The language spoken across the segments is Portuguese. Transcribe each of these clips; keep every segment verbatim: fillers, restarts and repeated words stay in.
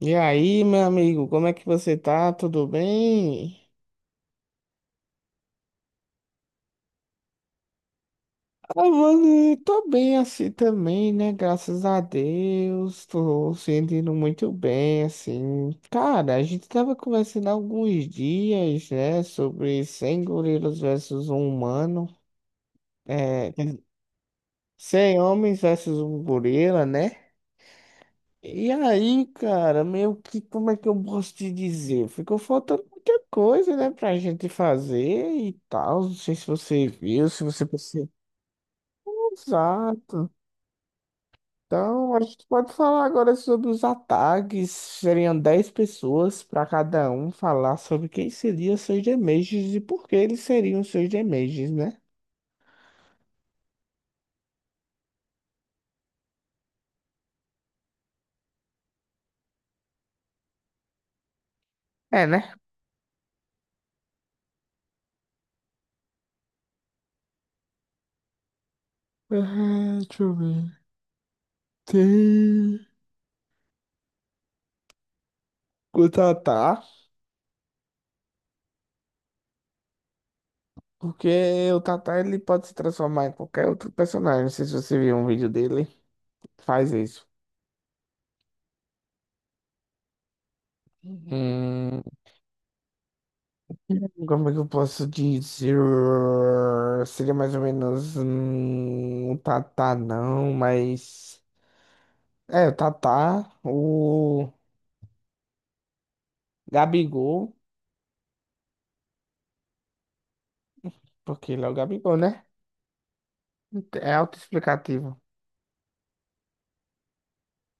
E aí, meu amigo, como é que você tá? Tudo bem? Ah, mano, eu tô bem assim também, né? Graças a Deus, tô sentindo muito bem, assim. Cara, a gente tava conversando há alguns dias, né, sobre cem gorilas versus um humano, é, cem homens versus um gorila, né? E aí, cara, meio que como é que eu posso te dizer? Ficou faltando muita coisa, né, pra gente fazer e tal. Não sei se você viu, se você percebeu. Exato. Então, a gente pode falar agora sobre os ataques. Seriam dez pessoas para cada um falar sobre quem seriam seus Damages e por que eles seriam seus Damages, né? É, né? Ah, deixa eu ver. Tem. Quanto ataque? Porque o Tata ele pode se transformar em qualquer outro personagem. Não sei se você viu um vídeo dele, faz isso. Hum, Como é que eu posso dizer? Seria mais ou menos hum, o Tata, não, mas. É, o Tata, o Gabigol, porque ele é o Gabigol, né? É autoexplicativo.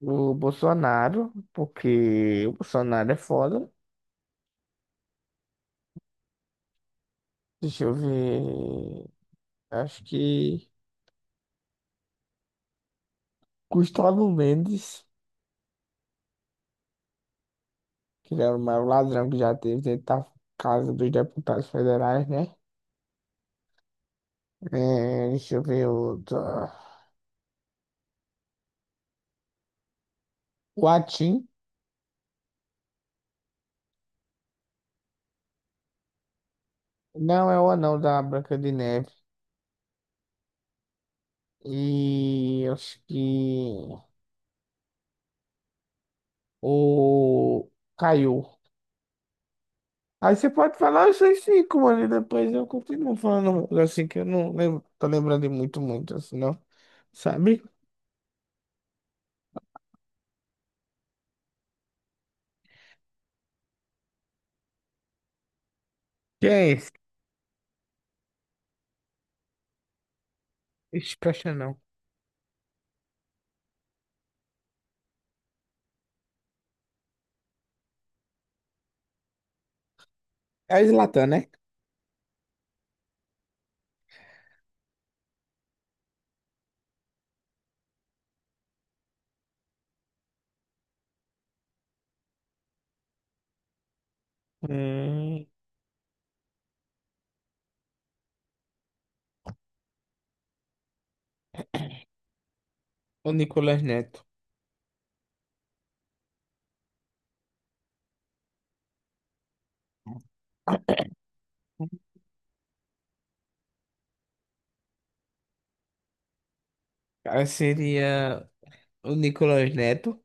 O Bolsonaro, porque o Bolsonaro é foda. Deixa eu ver. Acho que Gustavo Mendes. Que ele era o maior ladrão que já teve dentro da Casa dos Deputados Federais, né? É, deixa eu ver outro. O Atim. Não, é o anão da Branca de Neve. E eu acho que o Caiu. Aí você pode falar esses cinco, mano, e depois eu continuo falando uns, assim que eu não lembro, tô lembrando de muito, muito, assim, não. Sabe? Quem é esse? Ixi, presta não. É o Zlatan, né? Hum, o Nicolas Neto. Aí seria o Nicolas Neto,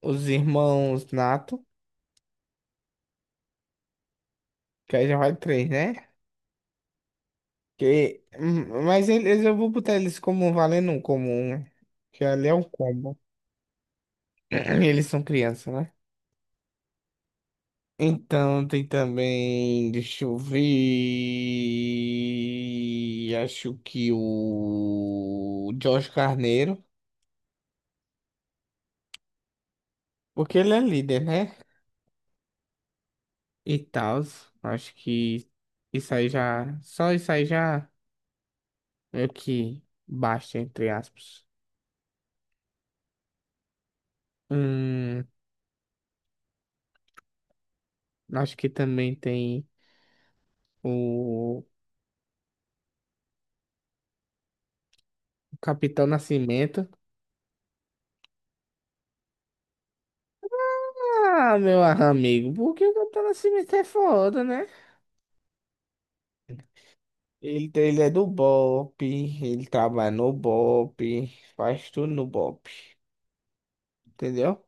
os irmãos Nato, que aí já vai três, né? Que, hum, mas eles eu vou botar eles como um valendo um comum, né? Que ali é um combo. Eles são crianças, né? Então tem também, deixa eu ver, acho que o Jorge Carneiro, porque ele é líder, né? E tal, acho que isso aí já, só isso aí já meio que basta, entre aspas. Hum, Acho que também tem o Capitão Nascimento. Ah, meu amigo, porque o Capitão Nascimento é foda, né? Ele, ele é do BOPE, ele trabalha no BOPE, faz tudo no BOPE, entendeu?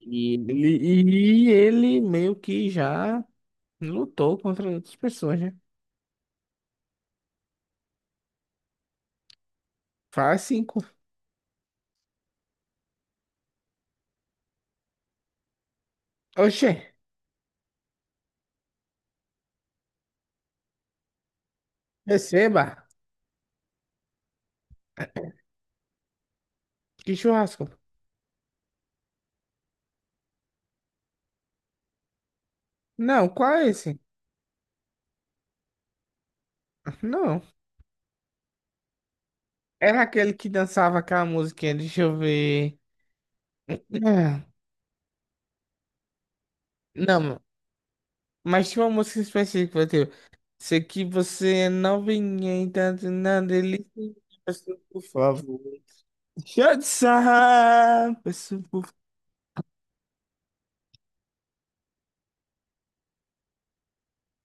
E ele, e ele meio que já lutou contra outras pessoas, né? Faz cinco. Oxê, receba. Que churrasco. Não, qual é esse? Não. Era aquele que dançava aquela musiquinha, deixa eu ver. É, não, mas tinha uma música específica, tipo, se que você não vinha então na delícia, peço por favor. Deixa de sarrar, peço por...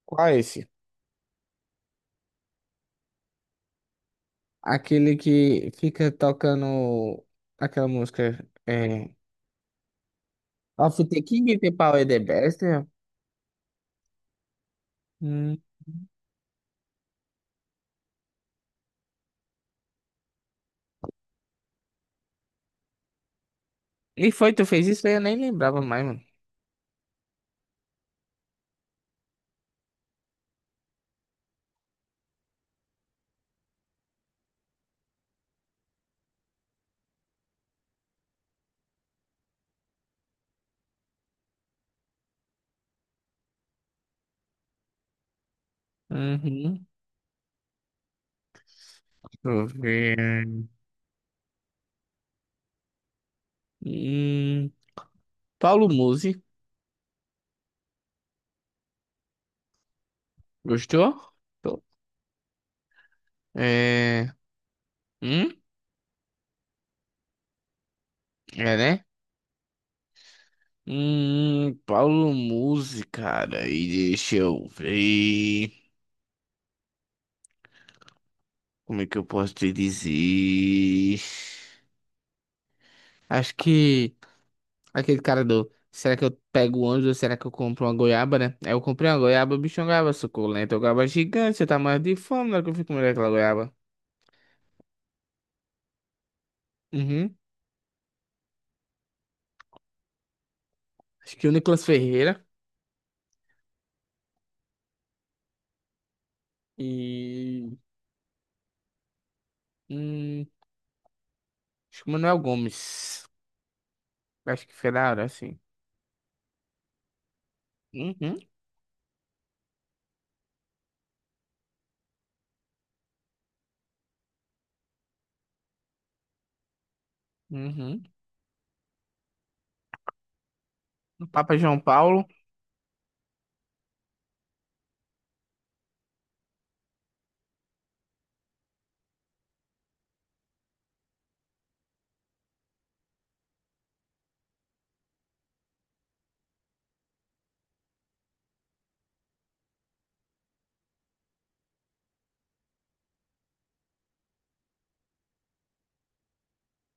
Qual é esse? Aquele que fica tocando aquela música, é... Of the King, The Power, The Best, né? Hum. E foi, tu fez isso aí, eu nem lembrava mais, mano. Uhum. Deixa eu ver. Hum. Paulo Musi, gostou? Tô. É. Hum? É, né? Hum, Paulo Musi, cara, e deixa eu ver. Como é que eu posso te dizer? Acho que aquele cara do. Será que eu pego o ônibus ou será que eu compro uma goiaba, né? Aí eu comprei uma goiaba, o bicho, é uma goiaba suculenta, uma goiaba gigante, eu tava morrendo de fome na hora que eu fui comer aquela goiaba. Uhum. Acho que o Nicolas Ferreira e. Hum, Acho que o Manuel Gomes. Acho que foi da hora, assim. Uhum, uhum. O Papa João Paulo.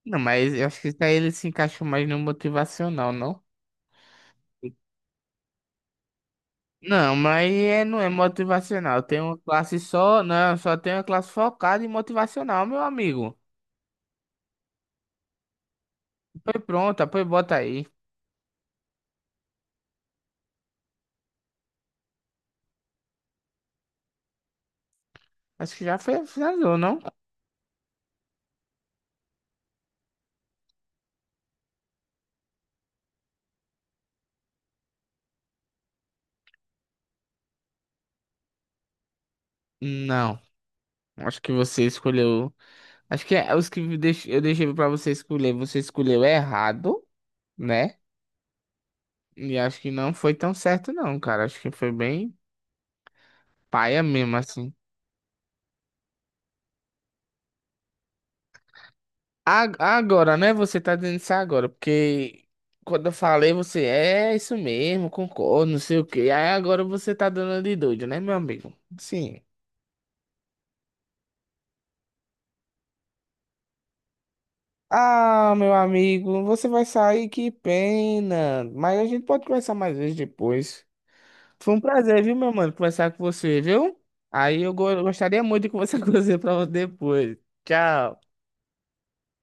Não, mas eu acho que daí ele se encaixou mais no motivacional, não? Não, mas é, não é motivacional. Tem uma classe só. Não, só tem uma classe focada em motivacional, meu amigo. Foi pronta, foi bota aí. Acho que já foi, finalizou, não? Não. Acho que você escolheu. Acho que é os que deix- eu deixei pra você escolher. Você escolheu errado, né? E acho que não foi tão certo, não, cara. Acho que foi bem. Paia mesmo, assim. A- Agora, né? Você tá dizendo isso agora, porque quando eu falei, você é é isso mesmo, concordo, não sei o quê. Aí agora você tá dando de doido, né, meu amigo? Sim. Ah, meu amigo, você vai sair, que pena. Mas a gente pode conversar mais vezes depois. Foi um prazer, viu, meu mano, conversar com você, viu? Aí eu go- gostaria muito de conversar com você pra depois. Tchau.